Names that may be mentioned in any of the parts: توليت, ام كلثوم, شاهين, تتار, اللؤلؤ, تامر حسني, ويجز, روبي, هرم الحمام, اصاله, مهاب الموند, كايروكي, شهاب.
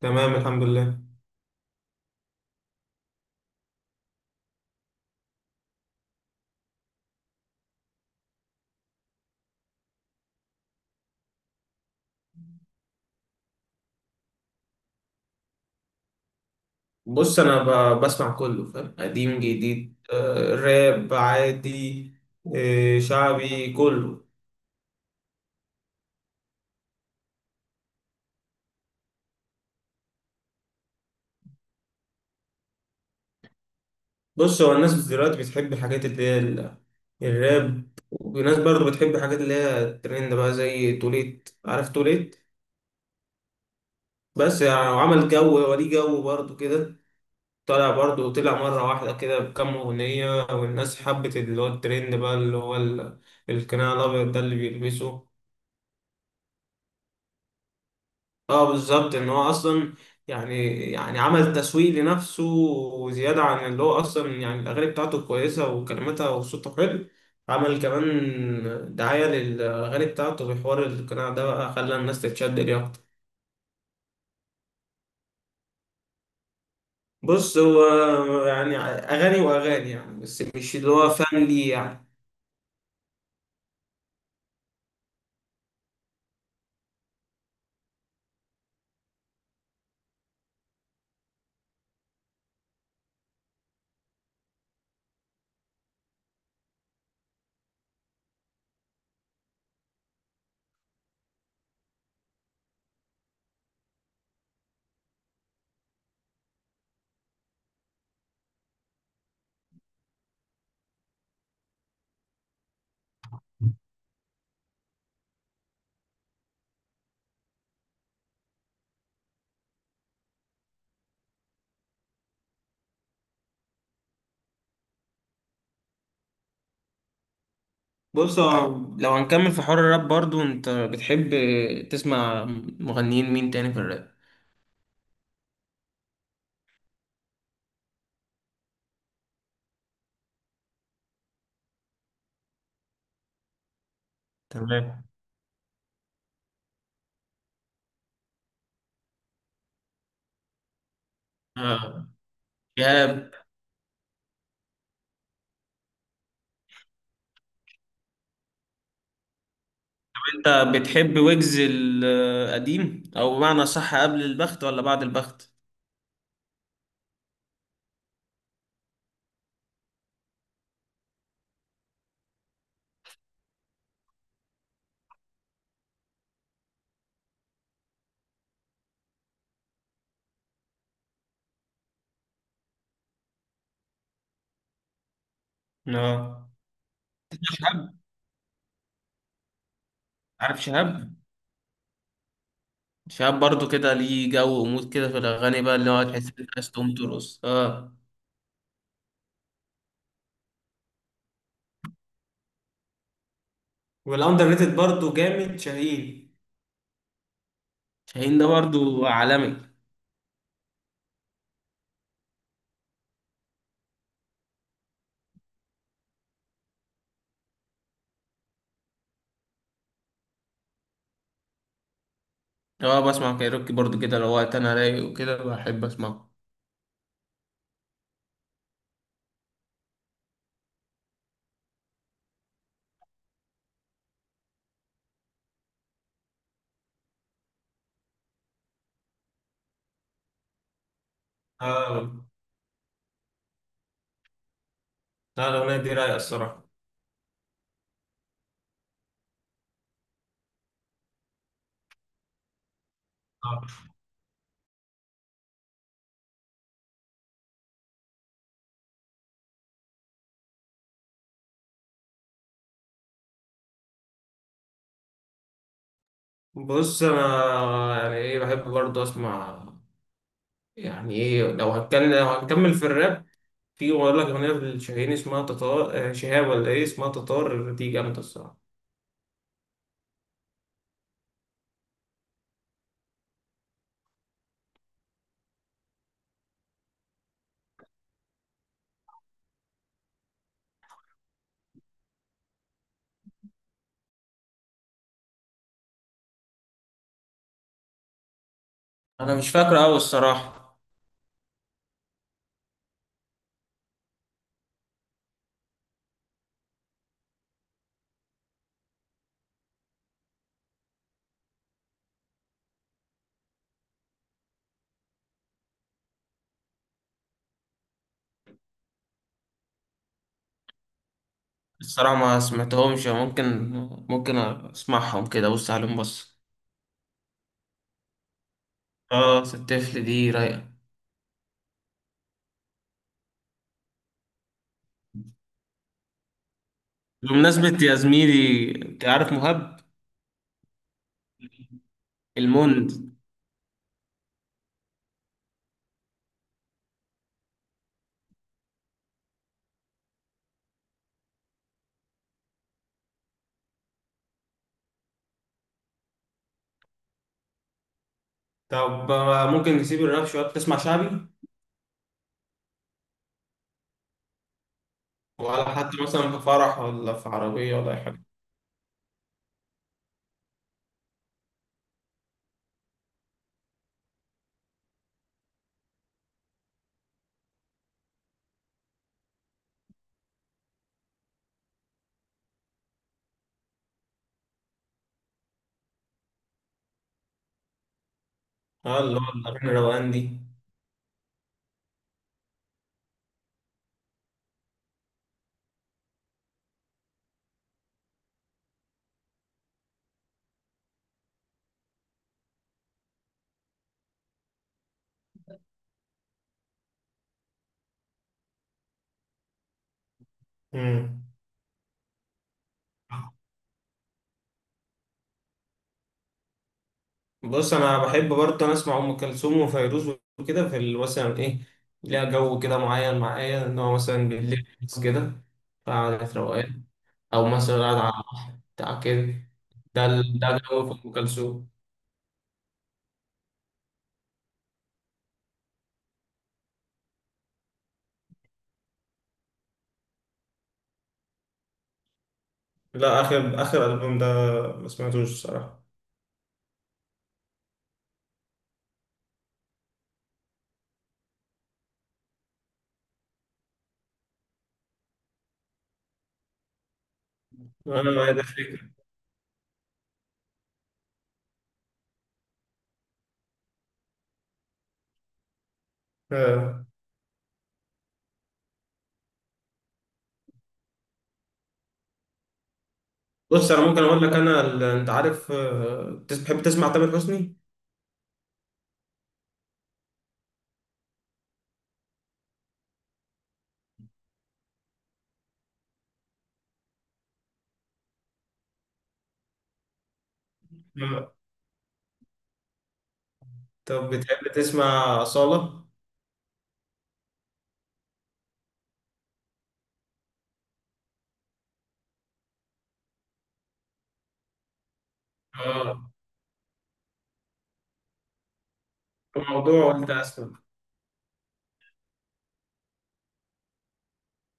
تمام، الحمد لله. بص، انا بسمع كله، فاهم؟ قديم جديد، راب عادي. شعبي كله. بص، هو الناس دلوقتي بتحب الحاجات اللي هي الراب، وناس برضو بتحب الحاجات اللي هي الترند بقى، زي توليت، عارف توليت؟ بس يعني عمل جو، وليه جو برضو كده. طلع برضو، طلع مرة واحدة كده بكام أغنية، والناس حبت اللي هو الترند بقى، اللي هو القناع الأبيض ده اللي بيلبسه. اه، بالظبط. ان هو اصلا يعني عمل تسويق لنفسه، وزياده عن اللي هو اصلا يعني الاغاني بتاعته كويسه، وكلماتها وصوته حلو. عمل كمان دعايه للاغاني بتاعته في حوار القناع ده، بقى خلى الناس تتشد ليه اكتر. بص، هو يعني اغاني واغاني يعني، بس مش اللي هو فن ليه يعني. بص، هو لو هنكمل في حوار الراب، برضو انت بتحب تسمع مغنيين مين تاني في الراب؟ تمام. آه، شهاب. انت بتحب ويجز القديم، او بمعنى صح، قبل البخت ولا بعد البخت؟ اه، عارف شهاب. شهاب برضو كده ليه جو ومود كده في الاغاني، بقى اللي هو تحس انك عايز تقوم ترقص، اه. والاندر ريتد برضه جامد، شاهين. شاهين ده برضو عالمي. اه، بسمع كايروكي برضو كده، لو وقت انا رايق وكده بحب اسمعه. اه، لا الاغنيه دي رايقه الصراحه. آه. بص، انا يعني ايه بحب برضه اسمع، يعني ايه، لو هتكلم، لو هنكمل في الراب. في، بقول لك أغنية لشاهين اسمها تتار. شهاب، ولا إيه اسمها؟ تتار دي جامدة الصراحة. انا مش فاكره أوي الصراحه. الصراحه ما سمعتهمش. ممكن اسمعهم كده، بص عليهم، بص. اه، الطفل دي رايقه. بمناسبه يا زميلي، انت عارف مهاب الموند؟ طب، ممكن نسيب الراب شوية تسمع شعبي؟ ولا حتى مثلا في فرح، ولا في عربية، ولا أي حاجة؟ آه، اللي هو الأغاني الروقان دي. مم. بص، انا بحب برضه انا اسمع ام كلثوم وفيروز، وكده في مثلا ايه، ليها جو كده معين معايا، ان هو مثلا بالليل بس كده. قاعدة روقان، او مثلا قاعد على بتاع كده، ده جو في ام كلثوم. لا، اخر اخر البوم ده ما سمعتوش الصراحه. انا ما ده فكره. آه. بص، انا ممكن اقول لك، انا انت عارف، بتحب تسمع تامر حسني؟ آه. طب، بتحب تسمع اصاله؟ اه، الموضوع، وانت اسمع.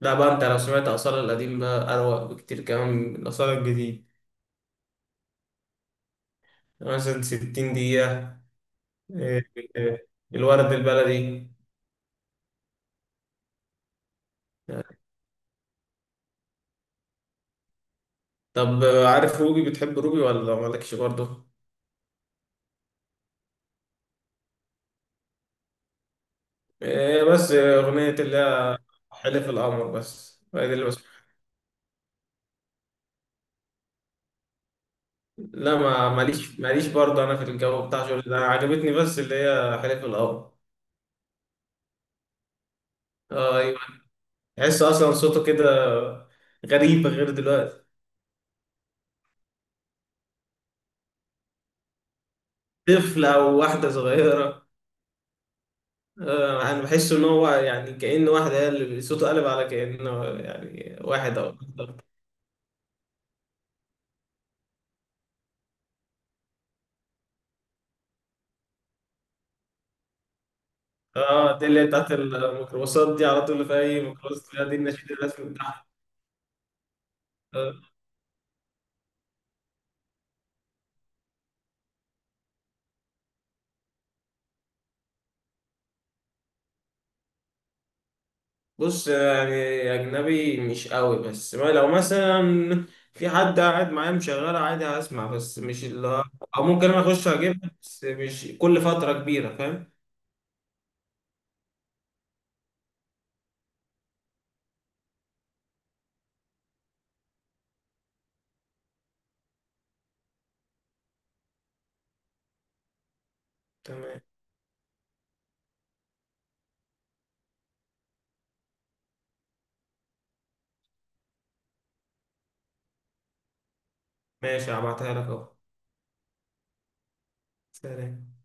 لا بقى، انت لو سمعت آثار القديم بقى أروق بكتير كمان من آثار الجديد. يعني مثلا 60 دقيقة. إيه، الورد البلدي. طب، عارف روبي؟ بتحب روبي ولا مالكش برضه؟ إيه، بس أغنية اللي هي حلف القمر، بس هي دي اللي بس. لا، ما ماليش برضه، أنا في الجو بتاع شغل ده عجبتني بس اللي هي حلف القمر. آه، أيوه. تحس أصلا صوته كده غريب، غير دلوقتي. طفل، أو واحدة صغيرة. انا بحس ان هو يعني كأن واحدة هي اللي صوته قلب على كأنه، يعني واحد او أكتر. اه، دي اللي هي بتاعت الميكروباصات، دي على طول في اي ميكروباص تلاقيها، دي النشيد الرسمي بتاعها. آه. بص يعني، اجنبي مش قوي، بس ما لو مثلا في حد قاعد معايا مشغله عادي هسمع، بس مش اللي هو- او ممكن انا اخش اجيبها، بس مش كل فترة كبيرة، فاهم؟ تمام. ماشي، هبعتها لك اهو. سلام.